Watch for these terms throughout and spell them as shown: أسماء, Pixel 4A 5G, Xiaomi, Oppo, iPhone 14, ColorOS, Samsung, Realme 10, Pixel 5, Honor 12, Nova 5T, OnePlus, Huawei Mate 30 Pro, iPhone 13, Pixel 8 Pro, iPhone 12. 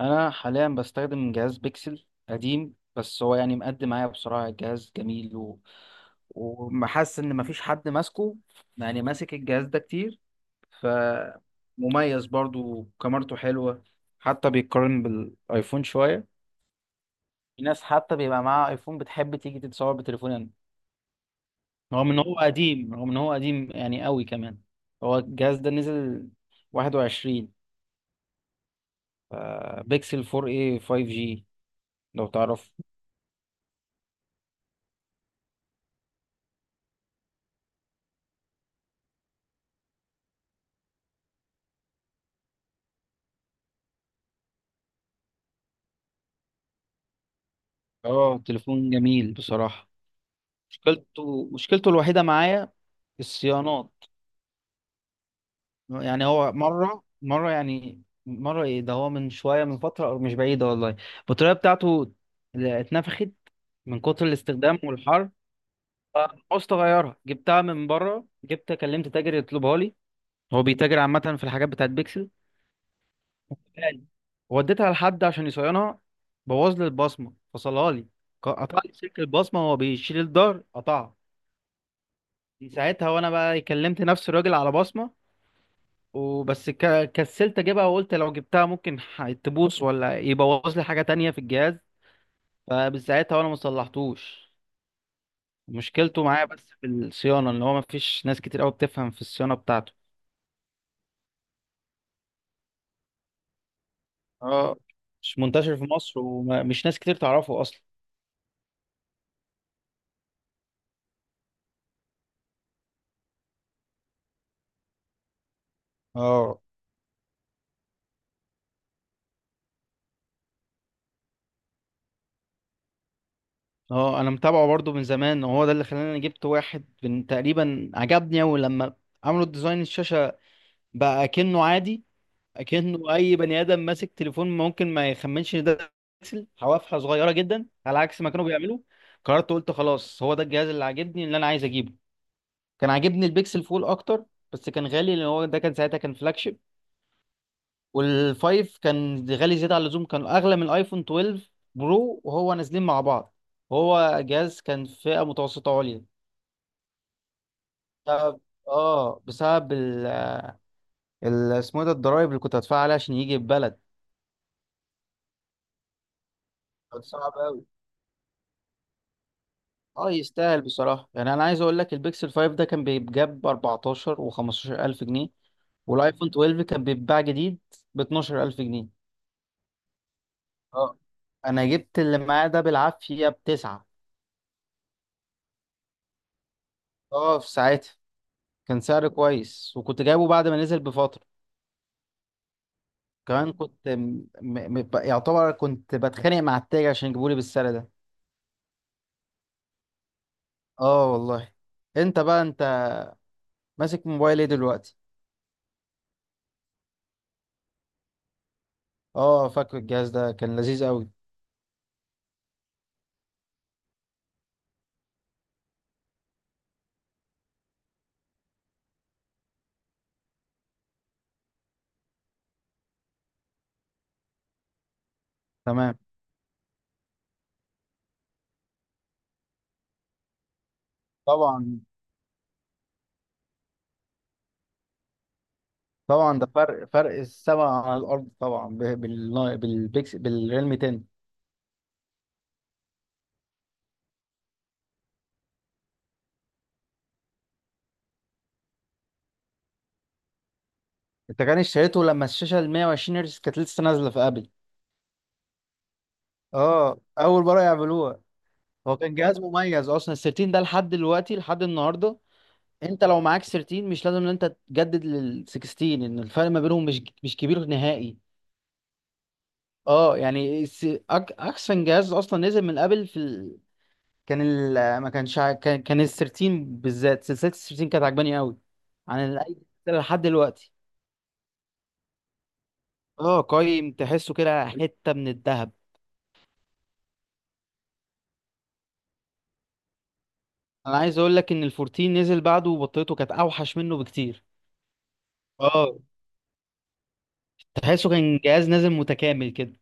انا حاليا بستخدم جهاز بيكسل قديم، بس هو يعني مقدم معايا بصراحه جهاز جميل ومحس ان مفيش حد ماسكه، يعني ماسك الجهاز ده كتير. فمميز برضو كاميرته حلوه، حتى بيتقارن بالايفون شويه. في ناس حتى بيبقى معاها ايفون بتحب تيجي تتصور بتليفونها. رغم ان هو قديم يعني قوي كمان. هو الجهاز ده نزل 21. ف- بيكسل 4A 5G لو تعرف. اه تليفون جميل بصراحة. مشكلته الوحيدة معايا الصيانات. يعني هو مرة مرة يعني مرة ايه ده هو من شوية من فترة أو مش بعيدة والله البطارية بتاعته اللي اتنفخت من كتر الاستخدام والحر. عاوزت اغيرها، جبتها من بره، جبت كلمت تاجر يطلبها لي، هو بيتاجر عامة في الحاجات بتاعت بيكسل. غالي. وديتها لحد عشان يصينها، بوظ لي البصمة، فصلها لي، قطع لي سلك البصمة، هو بيشيل الظهر قطعها. من ساعتها وانا بقى كلمت نفس الراجل على بصمه، وبس كسلت اجيبها، وقلت لو جبتها ممكن تبوظ ولا يبوظ لي حاجه تانية في الجهاز، فمن ساعتها وانا ما صلحتوش. مشكلته معايا بس في الصيانه ان هو ما فيش ناس كتير قوي بتفهم في الصيانه بتاعته. اه مش منتشر في مصر ومش ناس كتير تعرفه اصلا. اه. اه انا متابعه برضو من زمان، وهو ده اللي خلاني جبت واحد، من تقريبا عجبني اول لما عملوا ديزاين الشاشه بقى كأنه عادي، اكنه اي بني ادم ماسك تليفون ممكن ما يخمنش ان ده بيكسل. حوافها صغيره جدا على عكس ما كانوا بيعملوا. قررت قلت خلاص هو ده الجهاز اللي عاجبني اللي انا عايز اجيبه. كان عاجبني البيكسل فول اكتر، بس كان غالي لان هو ده كان ساعتها كان فلاج شيب. والفايف كان غالي زياده عن اللزوم، كان اغلى من الايفون 12 برو وهو نازلين مع بعض. هو جهاز كان فئه متوسطه عليا. بسبب اه بسبب اسمه إيه ده الضرايب اللي كنت هدفعها عليها عشان يجي البلد. كان صعب. اه يستاهل بصراحة، يعني انا عايز اقول لك البيكسل 5 ده كان بيتجاب ب 14 و 15 الف جنيه، والايفون 12 كان بيتباع جديد ب 12 الف جنيه. اه انا جبت اللي معاه ده بالعافية بتسعة. اه في ساعتها كان سعر كويس، وكنت جايبه بعد ما نزل بفترة. كمان كنت يعتبر كنت بتخانق مع التاجر عشان يجيبولي بالسعر ده. اه والله. انت بقى انت ماسك موبايل ايه دلوقتي؟ اه فاكر الجهاز ده كان لذيذ قوي. تمام. طبعا. طبعا ده فرق السما عن الارض طبعا بالريلم 10. انت كان اشتريته لما الشاشه ال 120 هرتز كانت لسه نازله في ابل. اه اول مره يعملوها. هو كان جهاز مميز اصلا ال 13 ده، لحد دلوقتي لحد النهارده. انت لو معاك 13 مش لازم ان انت تجدد لل 16، ان الفرق ما بينهم مش مش كبير نهائي. اه يعني احسن جهاز اصلا نزل من ابل في كان ال ما كانش ع- كان كان ال 13 بالذات، سلسله ال 13 كانت عجباني قوي عن اي سلسله لحد دلوقتي. اه قايم تحسه كده حته من الذهب. انا عايز اقول لك ان ال 14 نزل بعده وبطيته كانت اوحش منه بكتير. اه تحسه كان جهاز نازل متكامل كده.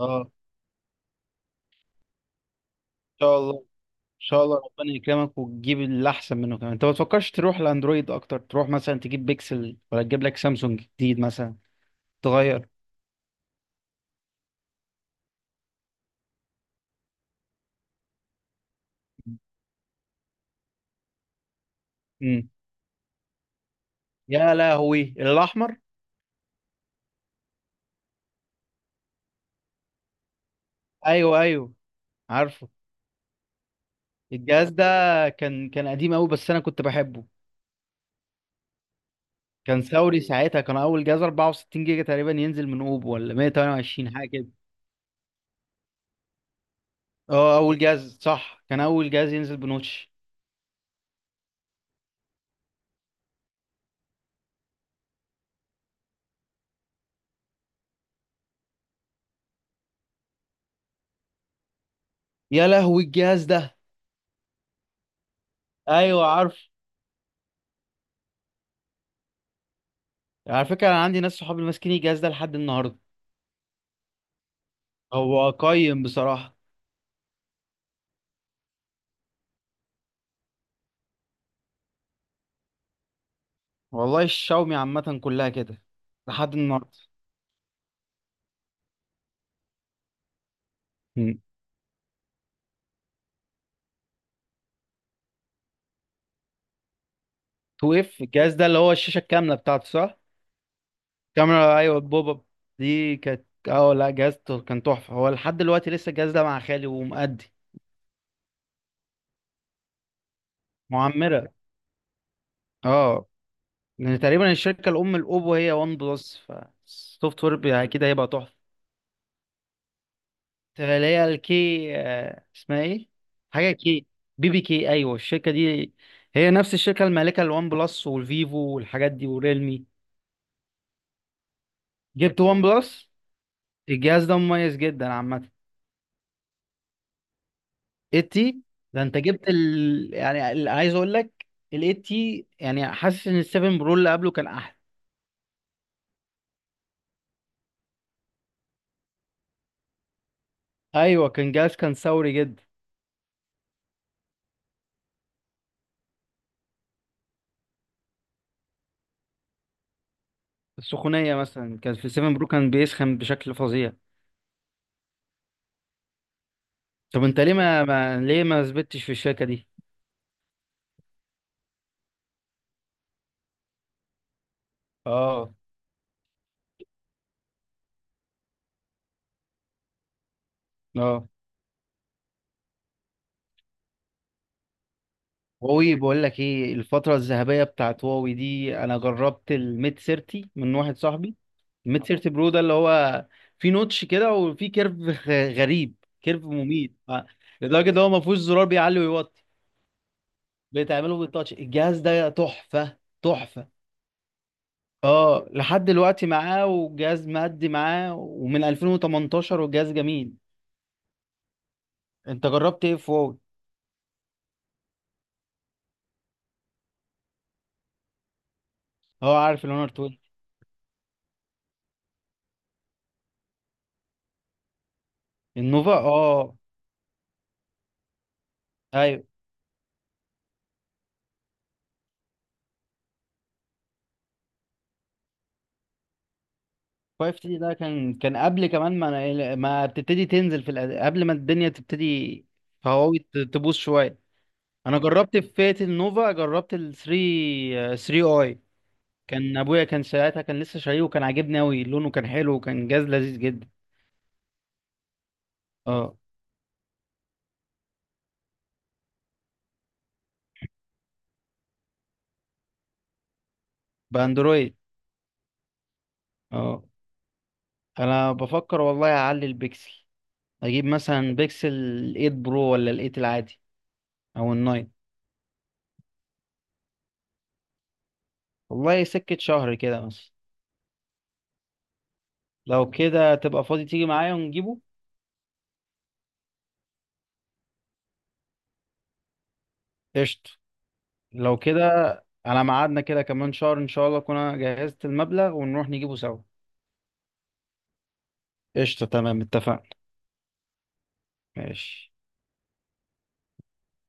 اه ان شاء الله. ان شاء الله ربنا يكرمك وتجيب اللي احسن منه كمان. انت ما تفكرش تروح لاندرويد اكتر، تروح مثلا تجيب بيكسل ولا تجيب لك سامسونج جديد مثلا؟ تغير. امم. يا لهوي الاحمر. ايوه ايوه عارفه. الجهاز ده كان قديم قوي بس انا كنت بحبه. كان ثوري ساعتها، كان اول جهاز 64 جيجا تقريبا ينزل من اوبو ولا 128 حاجه كده. اه اول جهاز صح، كان اول جهاز ينزل بنوتش. يا لهوي الجهاز ده. ايوه عارف. على فكره انا عندي ناس صحابي ماسكين الجهاز ده لحد النهارده. هو قيم بصراحه. والله الشاومي عامه كلها كده لحد النهارده. 2 اف الجهاز ده اللي هو الشاشه الكامله بتاعته صح، كاميرا ايوه البوب اب. دي كانت اه لا جهازته كان تحفه، هو لحد دلوقتي لسه الجهاز ده مع خالي ومؤدي. معمره. اه. لان تقريبا الشركه الام الاوبو هي وان بلس، فالسوفت وير يعني اكيد هيبقى تحفه. اللي هي الكي آه، اسمها ايه، حاجه كي، بي بي كي ايوه الشركه دي. هي نفس الشركه المالكه للوان بلس والفيفو والحاجات دي وريلمي. جبت وان بلس. الجهاز ده مميز جدا عامه. 80. ده انت جبت عايز اقول لك ال 80 يعني، حاسس ان ال 7 برو اللي قبله كان احلى. ايوه كان جاز كان ثوري جدا. السخونيه مثلا كان في 7 برو كان بيسخن بشكل فظيع. طب انت ليه ما, ما... ليه ما ثبتش في الشركه دي؟ اه. اه. هواوي بقول لك ايه؟ الفتره الذهبيه بتاعت هواوي دي، انا جربت الميت 30 من واحد صاحبي. الميت 30 برو ده اللي هو في نوتش كده وفي كيرف غريب، كيرف مميت آه، لدرجه ان هو ما فيهوش زرار بيعلي ويوطي، بتعمله بالتاتش. الجهاز ده تحفة تحفة. اه لحد دلوقتي معاه، والجهاز مادي معاه ومن 2018 والجهاز جميل. انت جربت ايه فوق؟ اه عارف الاونر 12. النوفا اه. ايوه 5 تي ده كان كان قبل كمان ما أنا- إيه، ما بتبتدي تنزل في قبل ما الدنيا تبتدي في هواوي تبوظ شويه. انا جربت في فئه النوفا، جربت ال 3 3 اي، كان ابويا كان ساعتها كان لسه شاريه، وكان عاجبني قوي لونه كان حلو وكان جهاز لذيذ جدا. اه باندرويد. اه. انا بفكر والله اعلي البكسل، اجيب مثلا بكسل 8 برو ولا ال 8 العادي او ال 9. والله سكة شهر كده مثلا. لو كده تبقى فاضي تيجي معايا ونجيبه. قشطة. لو كده على ميعادنا كده كمان شهر، ان شاء الله اكون انا جهزت المبلغ ونروح نجيبه سوا. قشطة تمام اتفقنا. ماشي.